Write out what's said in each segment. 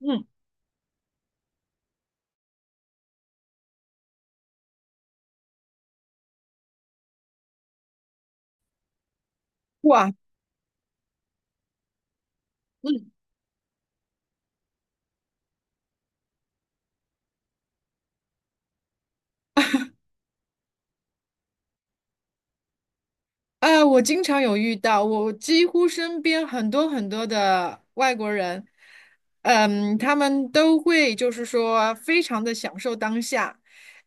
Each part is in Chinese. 嗯，哇，嗯，啊，我经常有遇到，我几乎身边很多的外国人，嗯，他们都会非常的享受当下，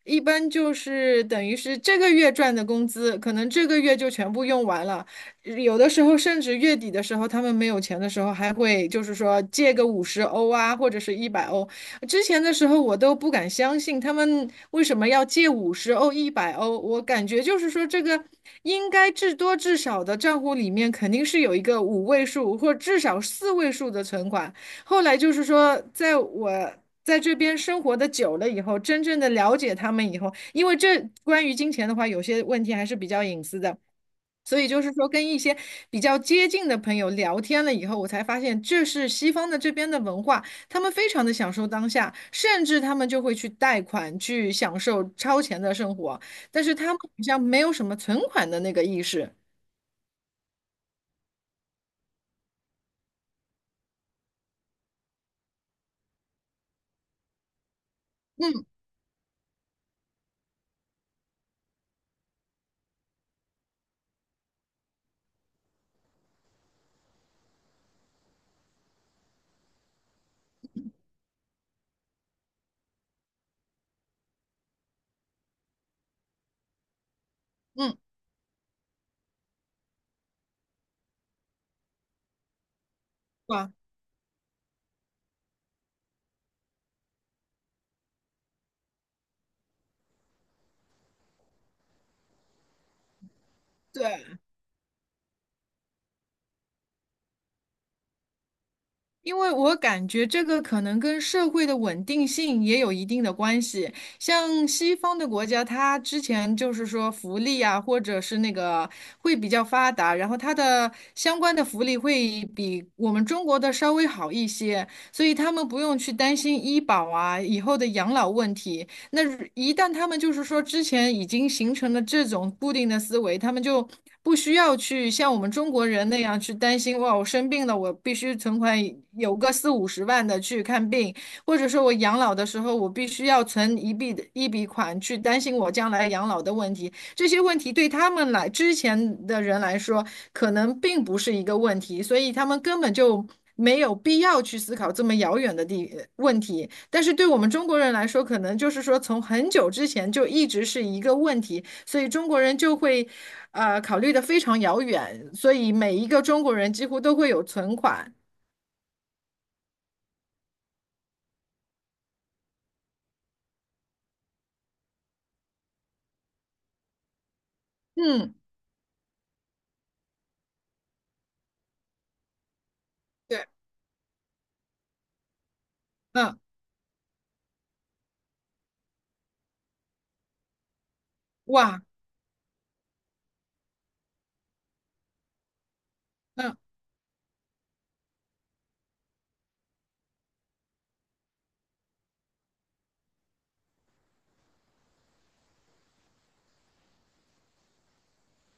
一般就是等于是这个月赚的工资，可能这个月就全部用完了，有的时候甚至月底的时候，他们没有钱的时候，还会借个五十欧啊，或者是一百欧，之前的时候我都不敢相信他们为什么要借五十欧、一百欧，我感觉就是说这个应该至多至少的账户里面肯定是有一个五位数或至少四位数的存款。后来就是说，在我在这边生活的久了以后，真正的了解他们以后，因为这关于金钱的话，有些问题还是比较隐私的。所以就是说，跟一些比较接近的朋友聊天了以后，我才发现这是西方的这边的文化，他们非常的享受当下，甚至他们就会去贷款去享受超前的生活，但是他们好像没有什么存款的那个意识。嗯嗯，哇，对。因为我感觉这个可能跟社会的稳定性也有一定的关系。像西方的国家，它之前就是说福利啊，或者是那个会比较发达，然后它的相关的福利会比我们中国的稍微好一些，所以他们不用去担心医保啊，以后的养老问题。那一旦他们就是说之前已经形成了这种固定的思维，他们就不需要去像我们中国人那样去担心，哇，我生病了，我必须存款有个四五十万的去看病，或者说我养老的时候，我必须要存一笔款去担心我将来养老的问题。这些问题对他们来之前的人来说，可能并不是一个问题，所以他们根本就没有必要去思考这么遥远的问题。但是对我们中国人来说，可能就是说从很久之前就一直是一个问题，所以中国人就会考虑的非常遥远，所以每一个中国人几乎都会有存款。嗯，对，嗯，哇，嗯，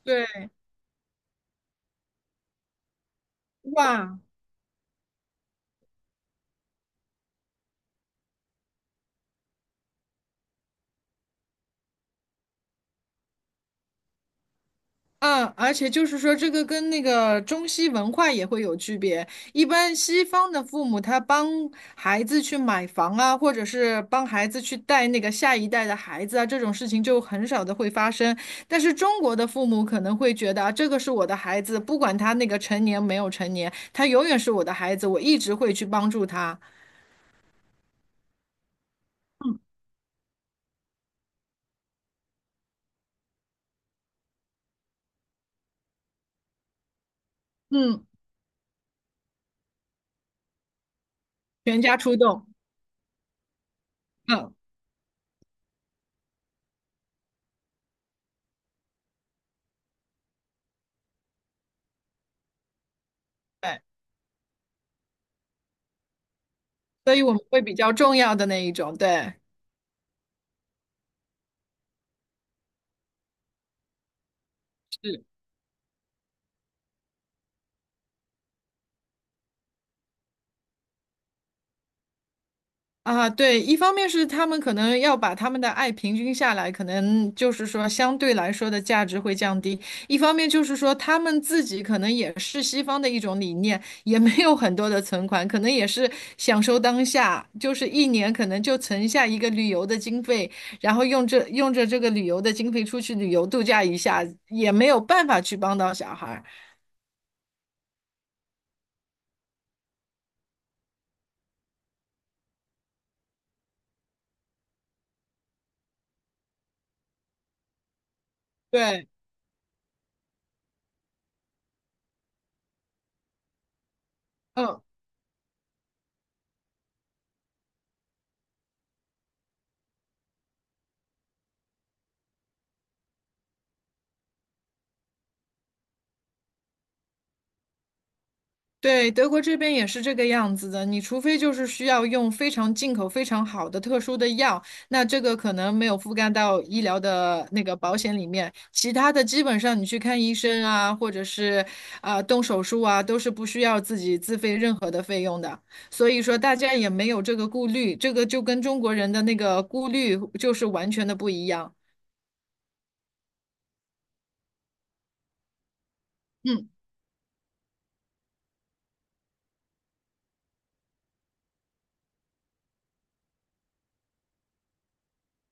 对，哇。嗯，而且就是说，这个跟那个中西文化也会有区别。一般西方的父母，他帮孩子去买房啊，或者是帮孩子去带那个下一代的孩子啊，这种事情就很少的会发生。但是中国的父母可能会觉得啊，这个是我的孩子，不管他那个成年没有成年，他永远是我的孩子，我一直会去帮助他。嗯，全家出动。嗯，对，所以我们会比较重要的那一种，对。是。啊，对，一方面是他们可能要把他们的爱平均下来，可能就是说相对来说的价值会降低；一方面就是说他们自己可能也是西方的一种理念，也没有很多的存款，可能也是享受当下，就是一年可能就存下一个旅游的经费，然后用着这个旅游的经费出去旅游度假一下，也没有办法去帮到小孩儿。对，嗯对，德国这边也是这个样子的。你除非就是需要用非常进口、非常好的特殊的药，那这个可能没有覆盖到医疗的那个保险里面。其他的基本上你去看医生啊，或者是动手术啊，都是不需要自己自费任何的费用的。所以说大家也没有这个顾虑，这个就跟中国人的那个顾虑就是完全的不一样。嗯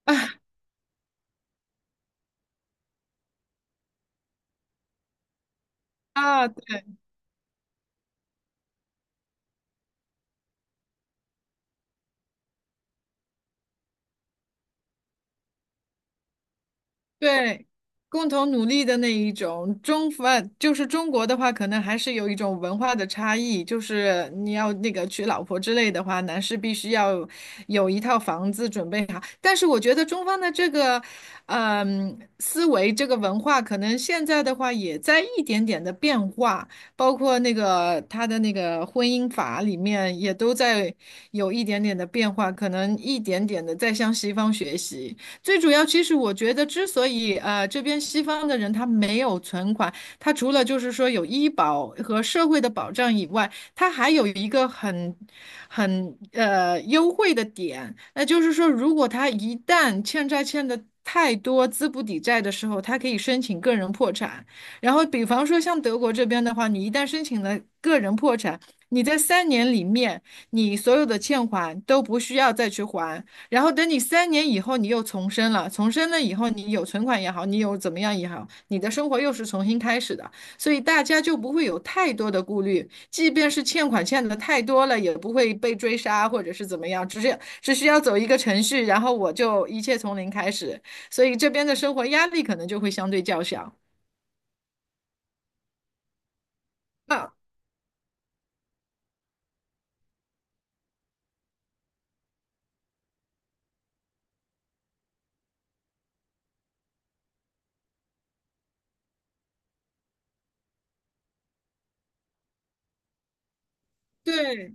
啊，对。对，共同努力的那一种，中方就是中国的话，可能还是有一种文化的差异，就是你要那个娶老婆之类的话，男士必须要有一套房子准备好。但是我觉得中方的这个，思维这个文化，可能现在的话也在一点点的变化，包括那个他的那个婚姻法里面也都在有一点点的变化，可能一点点的在向西方学习。最主要，其实我觉得，之所以这边西方的人他没有存款，他除了就是说有医保和社会的保障以外，他还有一个很优惠的点，那就是说，如果他一旦欠债欠的太多，资不抵债的时候，他可以申请个人破产。然后，比方说像德国这边的话，你一旦申请了个人破产，你在三年里面，你所有的欠款都不需要再去还。然后等你三年以后，你又重生了，重生了以后，你有存款也好，你有怎么样也好，你的生活又是重新开始的，所以大家就不会有太多的顾虑，即便是欠款欠的太多了，也不会被追杀或者是怎么样，只是只需要走一个程序，然后我就一切从零开始，所以这边的生活压力可能就会相对较小。啊，对。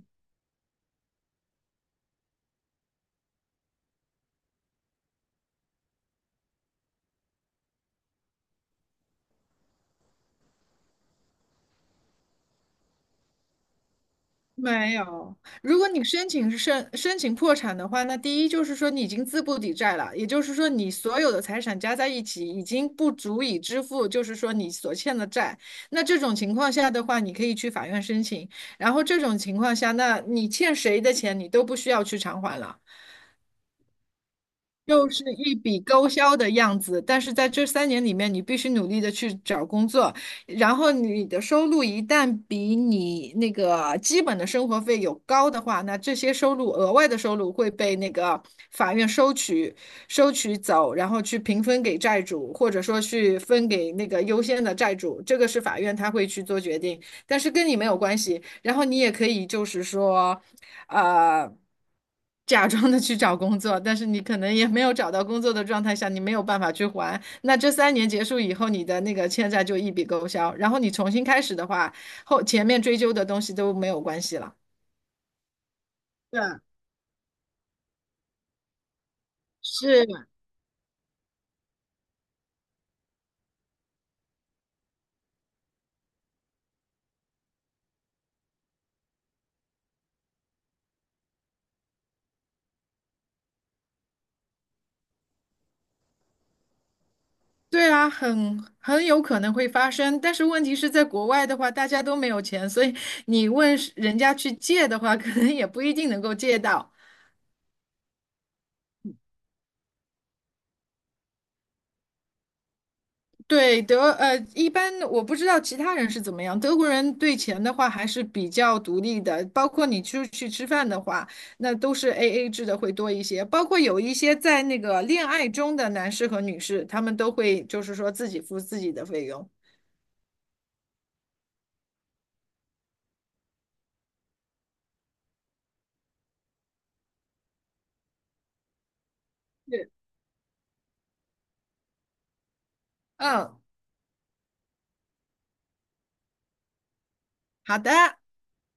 没有，如果你申请破产的话，那第一就是说你已经资不抵债了，也就是说你所有的财产加在一起已经不足以支付，就是说你所欠的债。那这种情况下的话，你可以去法院申请。然后这种情况下，那你欠谁的钱你都不需要去偿还了。又是一笔勾销的样子，但是在这三年里面，你必须努力的去找工作，然后你的收入一旦比你那个基本的生活费有高的话，那这些收入额外的收入会被那个法院收取，收取走，然后去平分给债主，或者说去分给那个优先的债主，这个是法院他会去做决定，但是跟你没有关系。然后你也可以就是说。呃，假装的去找工作，但是你可能也没有找到工作的状态下，你没有办法去还。那这三年结束以后，你的那个欠债就一笔勾销，然后你重新开始的话，后前面追究的东西都没有关系了。对，是，对啊，很有可能会发生，但是问题是在国外的话，大家都没有钱，所以你问是人家去借的话，可能也不一定能够借到。对，一般我不知道其他人是怎么样。德国人对钱的话还是比较独立的，包括你出去吃饭的话，那都是 AA 制的会多一些。包括有一些在那个恋爱中的男士和女士，他们都会就是说自己付自己的费用。是，嗯，好的。